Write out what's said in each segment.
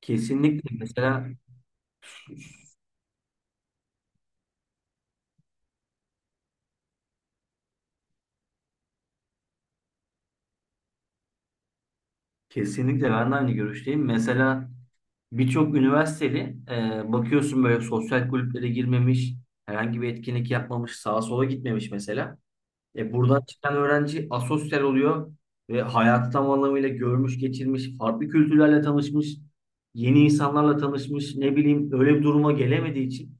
Kesinlikle mesela kesinlikle ben de aynı görüşteyim. Mesela birçok üniversiteli bakıyorsun böyle sosyal kulüplere girmemiş, herhangi bir etkinlik yapmamış, sağa sola gitmemiş mesela. Buradan çıkan öğrenci asosyal oluyor ve hayatı tam anlamıyla görmüş, geçirmiş, farklı kültürlerle tanışmış, yeni insanlarla tanışmış, ne bileyim öyle bir duruma gelemediği için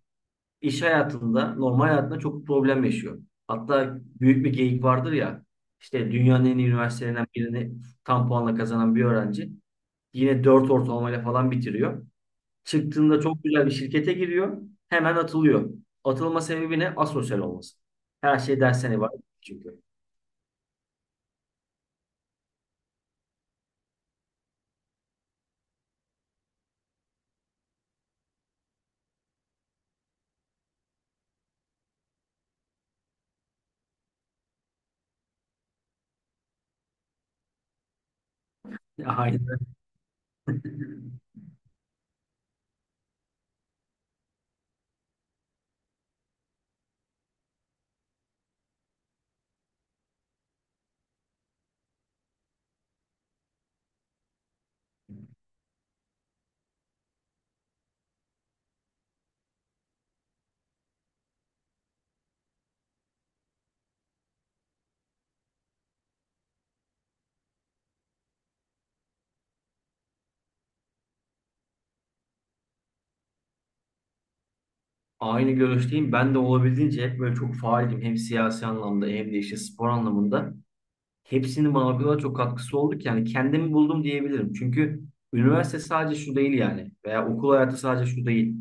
iş hayatında, normal hayatında çok problem yaşıyor. Hatta büyük bir geyik vardır ya, işte dünyanın en iyi üniversitelerinden birini tam puanla kazanan bir öğrenci yine 4 ortalamayla falan bitiriyor. Çıktığında çok güzel bir şirkete giriyor, hemen atılıyor. Atılma sebebi ne? Asosyal olması. Her şey dersten ibaret çünkü. Aynen. Aynı görüşteyim. Ben de olabildiğince hep böyle çok faaldim. Hem siyasi anlamda hem de işte spor anlamında. Hepsinin bana o kadar çok katkısı oldu ki yani kendimi buldum diyebilirim. Çünkü üniversite sadece şu değil yani veya okul hayatı sadece şu değil.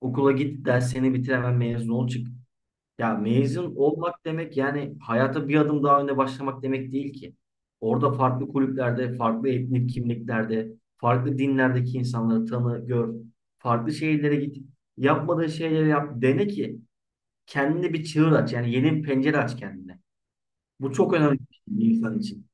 Okula git, derslerini bitir, hemen mezun ol çık. Ya mezun olmak demek yani hayata bir adım daha önde başlamak demek değil ki. Orada farklı kulüplerde, farklı etnik kimliklerde, farklı dinlerdeki insanları tanı, gör. Farklı şehirlere git. Yapmadığın şeyleri yap. Dene ki kendine bir çığır aç. Yani yeni bir pencere aç kendine. Bu çok önemli bir şey bir insan için.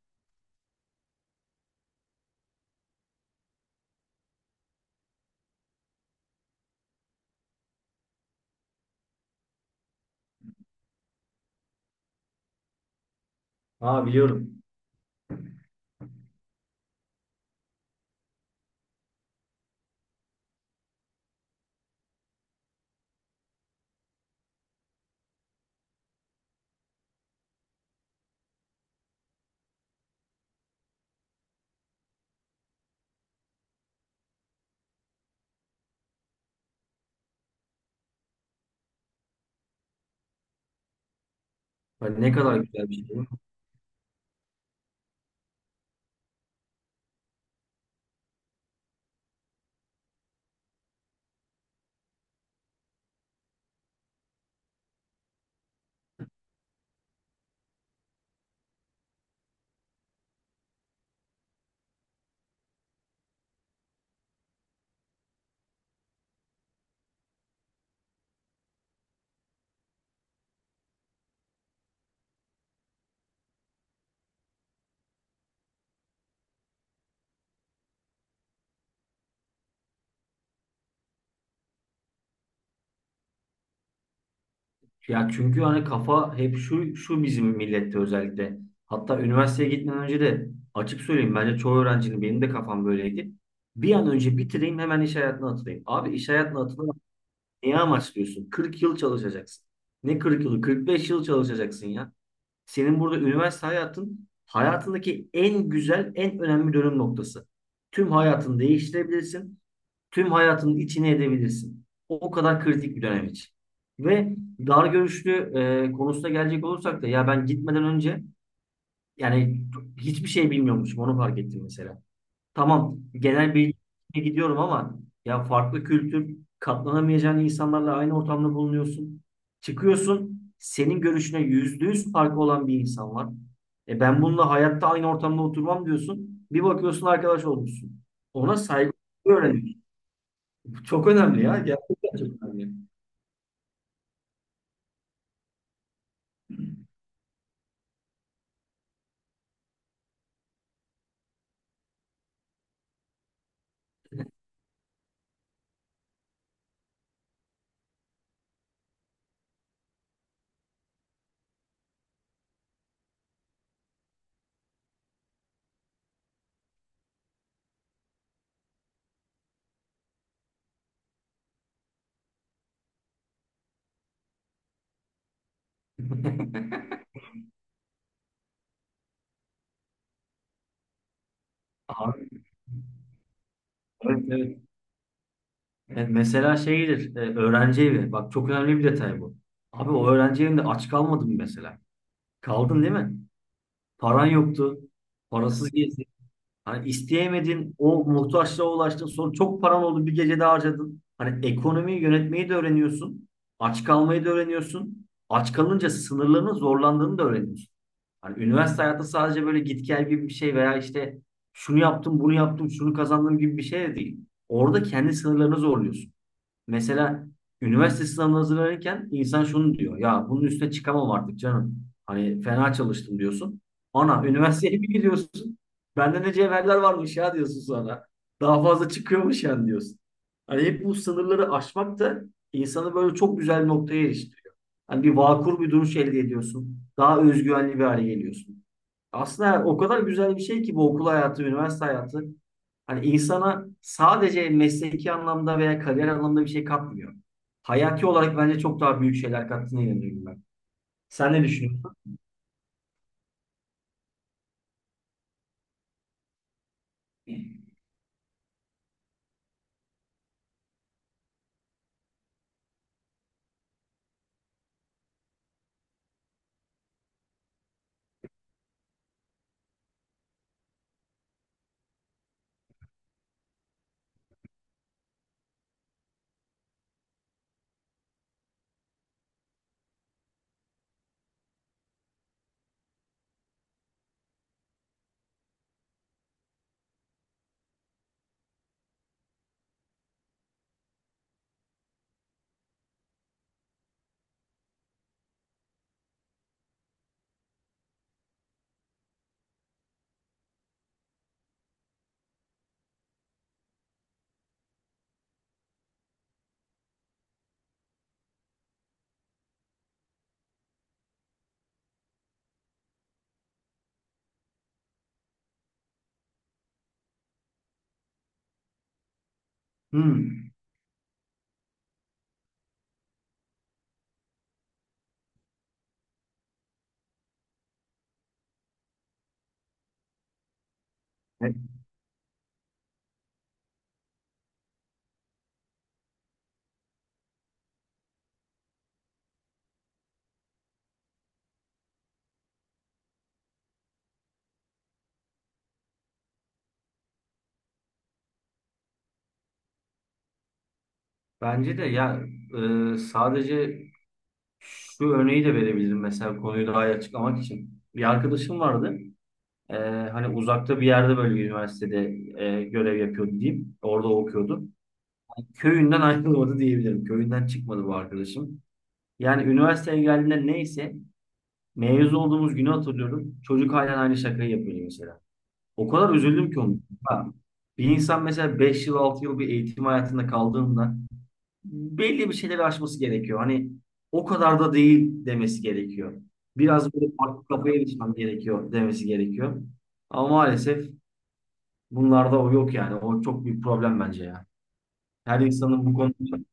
Ha biliyorum. Ay, ne kadar güzel bir şey. Ya çünkü hani kafa hep şu bizim millette özellikle. Hatta üniversiteye gitmeden önce de açık söyleyeyim bence çoğu öğrencinin benim de kafam böyleydi. Bir an önce bitireyim hemen iş hayatına atılayım. Abi iş hayatına atılmak neye amaçlıyorsun? 40 yıl çalışacaksın. Ne 40 yılı? 45 yıl çalışacaksın ya. Senin burada üniversite hayatındaki en güzel, en önemli dönüm noktası. Tüm hayatını değiştirebilirsin. Tüm hayatının içine edebilirsin. O kadar kritik bir dönem için. Ve dar görüşlü konusuna gelecek olursak da ya ben gitmeden önce yani hiçbir şey bilmiyormuşum onu fark ettim mesela. Tamam, genel bilgiye gidiyorum ama ya farklı kültür katlanamayacağın insanlarla aynı ortamda bulunuyorsun. Çıkıyorsun, senin görüşüne yüzde yüz farkı olan bir insan var. E ben bununla hayatta aynı ortamda oturmam diyorsun. Bir bakıyorsun arkadaş olmuşsun. Ona saygı öğreniyorsun. Çok önemli ya. Gerçekten çok önemli. Abi, evet, evet. Mesela şeydir, öğrenci evi. Bak çok önemli bir detay bu. Abi o öğrenci evinde aç kalmadın mı mesela? Kaldın değil mi? Paran yoktu. Parasız gezdin. Hani isteyemedin, o muhtaçlığa ulaştın, sonra çok paran oldu bir gecede harcadın. Hani ekonomiyi yönetmeyi de öğreniyorsun, aç kalmayı da öğreniyorsun. Aç kalınca sınırlarının zorlandığını da öğreniyorsun. Hani üniversite hayatı sadece böyle git gel gibi bir şey veya işte şunu yaptım, bunu yaptım, şunu kazandım gibi bir şey de değil. Orada kendi sınırlarını zorluyorsun. Mesela üniversite sınavına hazırlanırken insan şunu diyor. Ya bunun üstüne çıkamam artık canım. Hani fena çalıştım diyorsun. Ana üniversiteye bir gidiyorsun. Bende ne cevherler varmış ya diyorsun sonra. Daha fazla çıkıyormuş yani diyorsun. Hani hep bu sınırları aşmak da insanı böyle çok güzel bir noktaya eriştiriyor. Hani bir vakur bir duruş elde ediyorsun. Daha özgüvenli bir hale geliyorsun. Aslında o kadar güzel bir şey ki bu okul hayatı, üniversite hayatı. Hani insana sadece mesleki anlamda veya kariyer anlamda bir şey katmıyor. Hayati olarak bence çok daha büyük şeyler kattığına inanıyorum ben. Sen ne düşünüyorsun? Hmm. Evet, bence de ya sadece şu örneği de verebilirim mesela konuyu daha iyi açıklamak için. Bir arkadaşım vardı. E, Hani uzakta bir yerde böyle bir üniversitede görev yapıyordu diyeyim. Orada okuyordu. Köyünden ayrılmadı diyebilirim. Köyünden çıkmadı bu arkadaşım. Yani üniversiteye geldiğinde neyse mezun olduğumuz günü hatırlıyorum. Çocuk halen aynı şakayı yapıyor mesela. O kadar üzüldüm ki onu. Bir insan mesela 5 yıl 6 yıl bir eğitim hayatında kaldığında belli bir şeyleri aşması gerekiyor. Hani o kadar da değil demesi gerekiyor. Biraz böyle farklı kafaya geçmem gerekiyor demesi gerekiyor. Ama maalesef bunlarda o yok yani. O çok büyük problem bence ya. Her insanın bu konuda…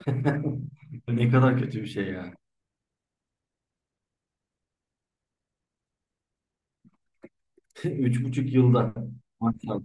Ne kadar kötü bir şey ya. Üç buçuk yılda maşallah.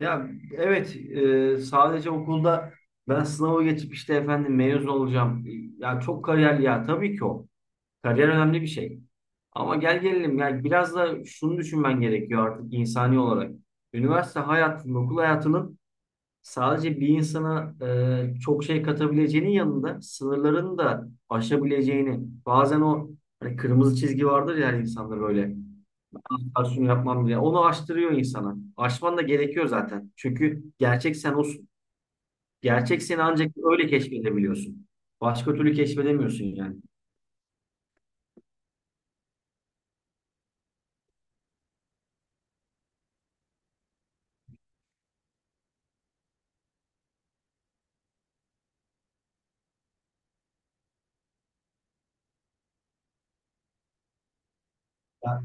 Ya evet, sadece okulda ben sınavı geçip işte efendim mezun olacağım. E, ya çok kariyer ya tabii ki o. Kariyer önemli bir şey. Ama gel gelelim yani biraz da şunu düşünmen gerekiyor artık insani olarak. Üniversite hayatının, okul hayatının sadece bir insana çok şey katabileceğinin yanında sınırlarını da aşabileceğini. Bazen o hani kırmızı çizgi vardır ya her insanda böyle. Aksiyonu yapmam bile. Onu aştırıyor insana. Aşman da gerekiyor zaten. Çünkü gerçek sen olsun. Gerçek seni ancak öyle keşfedebiliyorsun. Başka türlü keşfedemiyorsun yani. Ya,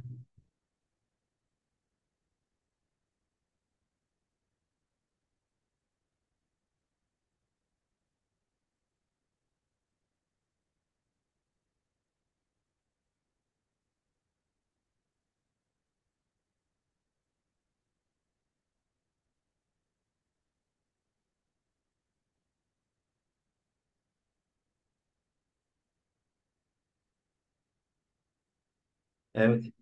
evet.